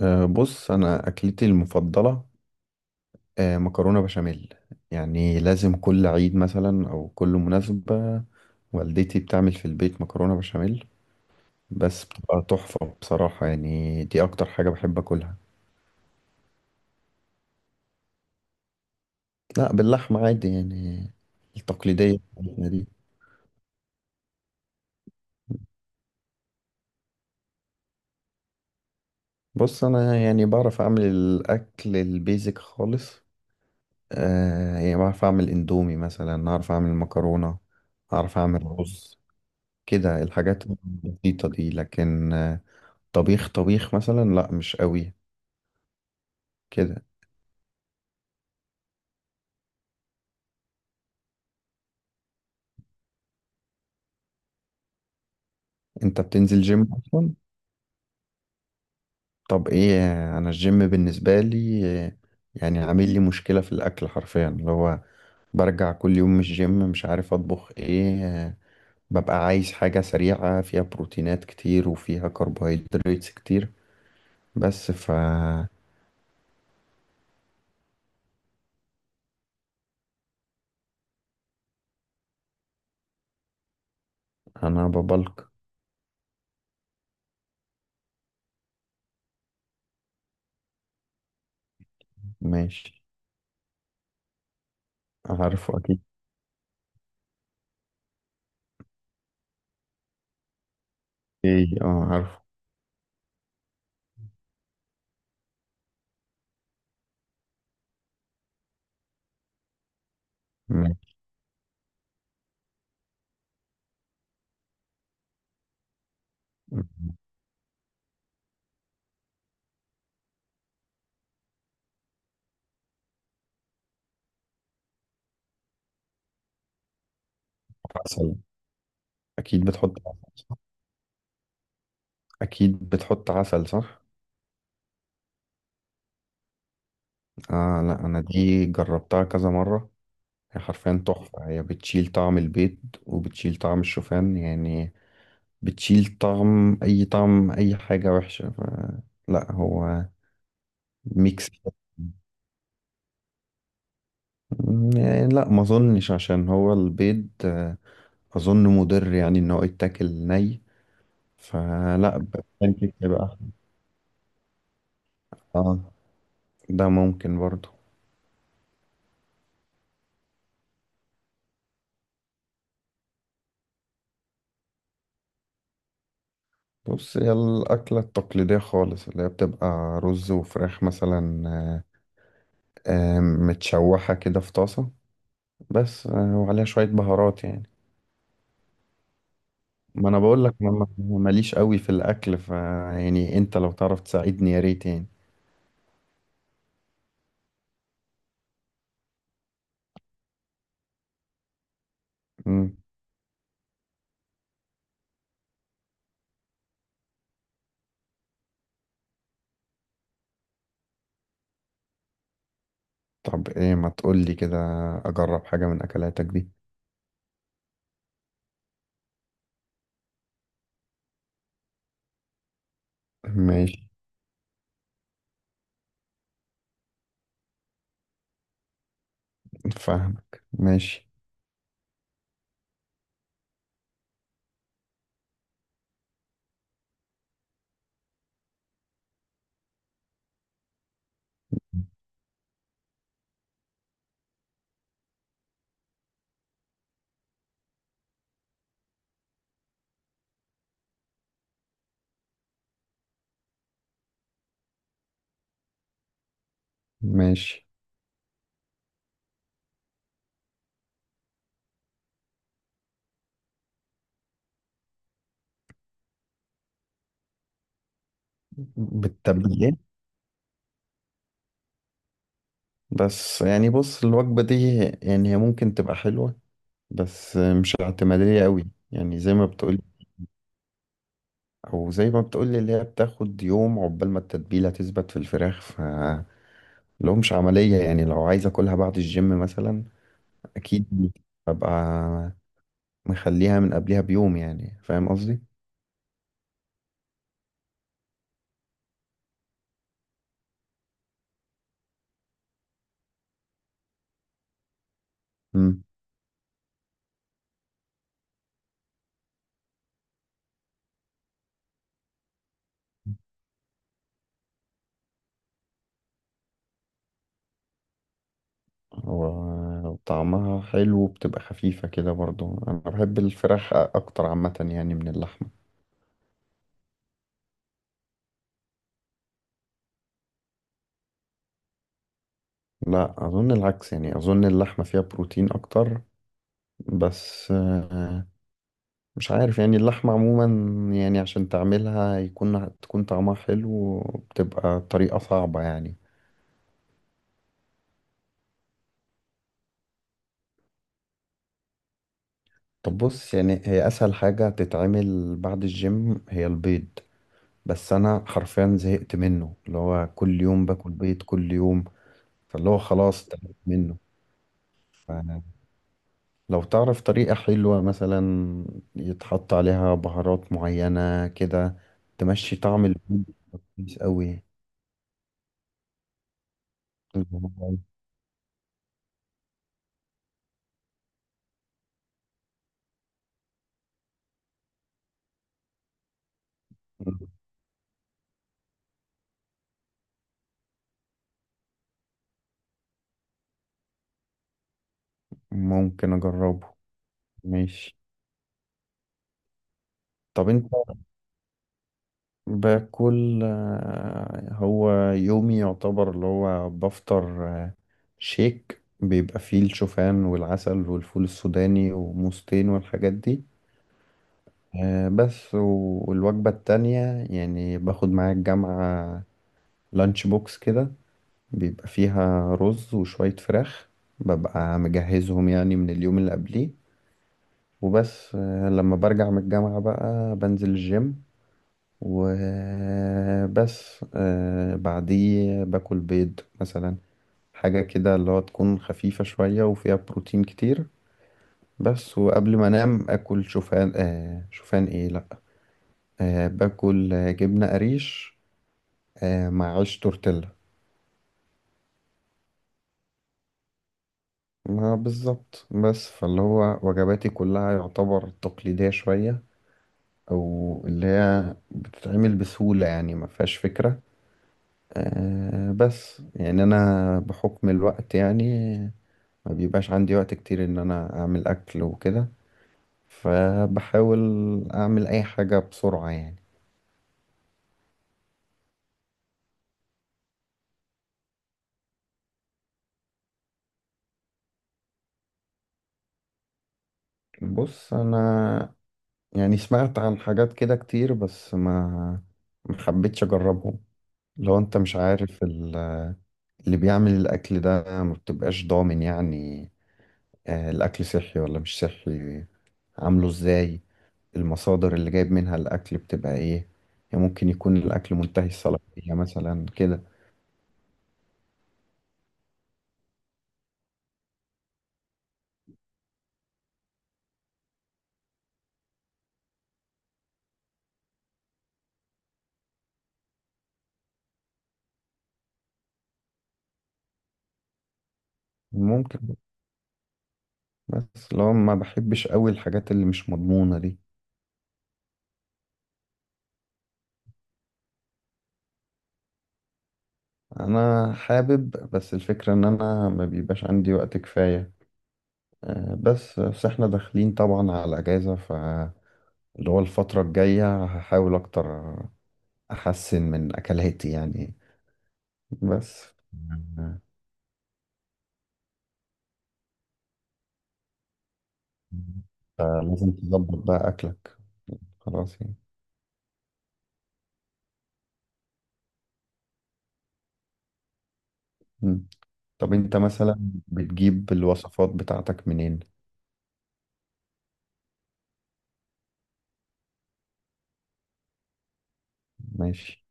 بص، انا اكلتي المفضله مكرونه بشاميل. يعني لازم كل عيد مثلا او كل مناسبه والدتي بتعمل في البيت مكرونه بشاميل. بس بتبقى تحفه بصراحه، يعني دي اكتر حاجه بحب اكلها. لا، باللحمه عادي يعني، التقليديه بتاعتنا دي. بص، انا يعني بعرف اعمل الاكل البيزك خالص. يعني بعرف اعمل اندومي مثلا، اعرف اعمل مكرونه، اعرف اعمل رز، كده الحاجات البسيطه دي. لكن طبيخ طبيخ مثلا لا، مش قوي كده. انت بتنزل جيم اصلا؟ طب ايه، انا الجيم بالنسبه لي يعني عامل لي مشكله في الاكل. حرفيا اللي هو برجع كل يوم من الجيم مش عارف اطبخ ايه. ببقى عايز حاجه سريعه فيها بروتينات كتير وفيها كربوهيدرات كتير. بس. انا ببلك. ماشي. عارفه اكيد. ايه اه، عارفه. ماشي. عسل، اكيد بتحط عسل صح؟ اكيد بتحط عسل صح. آه لا، أنا دي جربتها كذا مرة. هي حرفيا تحفة، هي بتشيل طعم البيض وبتشيل طعم الشوفان يعني، بتشيل طعم أي طعم أي حاجة وحشة لا، هو ميكس. يعني لا، ما أظنش عشان هو البيض، أظن مضر يعني إن هو يتاكل ني. فلا ب- pancake يبقى أحسن. آه، ده ممكن برضه. بص، هي الأكلة التقليدية خالص اللي هي بتبقى رز وفراخ مثلا، متشوحة كده في طاسة. بس وعليها شوية بهارات يعني. ما انا بقول لك، انا ما- ماليش قوي في الاكل. ف يعني انت لو تعرف تساعدني يا ريت يعني. مم. طب ايه، ما تقول لي كده اجرب حاجة من اكلاتك دي. ماشي. فاهمك، ماشي. ماشي. بالتبليل إيه؟ بس يعني بص، الوجبة دي يعني هي ممكن تبقى حلوة، بس مش اعتمادية قوي. يعني زي ما بتقول، وزي ما بتقولي اللي هي بتاخد يوم عقبال ما التتبيلة تثبت في الفراخ. ف لو مش عملية يعني، لو عايز اكلها بعد الجيم مثلا. اكيد، ببقى مخليها من قبلها بيوم، يعني فاهم قصدي؟ مم. وطعمها حلو وبتبقى خفيفة كده برضو. انا بحب الفراخ اكتر عامة يعني من اللحمة. لا، اظن العكس يعني، اظن اللحمة فيها بروتين اكتر. بس مش عارف يعني، اللحمة عموما يعني عشان تعملها تكون طعمها حلو بتبقى طريقة صعبة يعني. طب بص، يعني هي أسهل حاجة تتعمل بعد الجيم هي البيض، بس أنا حرفيا زهقت منه. اللي هو كل يوم باكل بيض كل يوم، فاللي هو خلاص تعبت منه. فلو تعرف طريقة حلوة مثلا يتحط عليها بهارات معينة كده تمشي طعم البيض كويس أوي، ممكن أجربه. ماشي. طب انت، باكل هو يومي يعتبر اللي هو بفطر شيك بيبقى فيه الشوفان والعسل والفول السوداني وموزتين والحاجات دي. بس والوجبة التانية يعني باخد معايا الجامعة لانش بوكس كده بيبقى فيها رز وشوية فراخ. ببقى مجهزهم يعني من اليوم اللي قبليه. وبس لما برجع من الجامعة بقى بنزل الجيم. وبس بعديه باكل بيض مثلا، حاجة كده اللي هو تكون خفيفة شوية وفيها بروتين كتير. بس وقبل ما انام اكل شوفان شوفان ايه، لا باكل جبنة قريش آه مع عيش تورتيلا. ما بالظبط. بس فاللي هو وجباتي كلها يعتبر تقليدية شوية، او اللي هي بتتعمل بسهولة يعني ما فيهاش فكرة. بس يعني انا بحكم الوقت يعني ما بيبقاش عندي وقت كتير ان انا اعمل اكل وكده. فبحاول اعمل اي حاجة بسرعة يعني. بص، انا يعني سمعت عن حاجات كده كتير بس، ما حبيتش اجربهم. لو انت مش عارف اللي بيعمل الاكل ده ما بتبقاش ضامن يعني، الاكل صحي ولا مش صحي، عامله ازاي، المصادر اللي جايب منها الاكل بتبقى ايه. يعني ممكن يكون الاكل منتهي الصلاحية مثلا كده. ممكن، بس لو ما بحبش قوي الحاجات اللي مش مضمونة دي. انا حابب، بس الفكرة ان انا ما بيبقاش عندي وقت كفاية. بس احنا داخلين طبعا على اجازة فاللي هو الفترة الجاية هحاول اكتر، احسن من اكلاتي يعني. بس آه، فلازم تظبط بقى اكلك خلاص يعني. مم. طب انت مثلا بتجيب الوصفات بتاعتك منين؟ ماشي.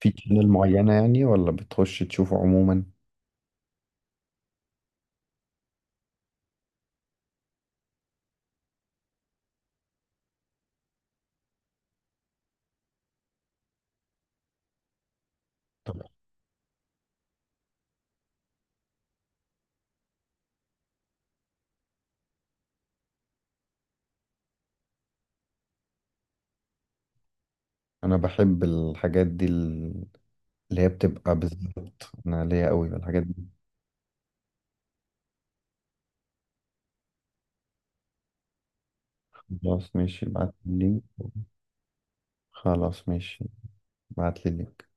في شانل معينة يعني ولا بتخش تشوفه عموما؟ انا بحب الحاجات دي، اللي هي بتبقى بالظبط. انا ليا قوي في الحاجات دي. خلاص ماشي، ابعت لي اللينك. خلاص ماشي، ابعت لي اللينك.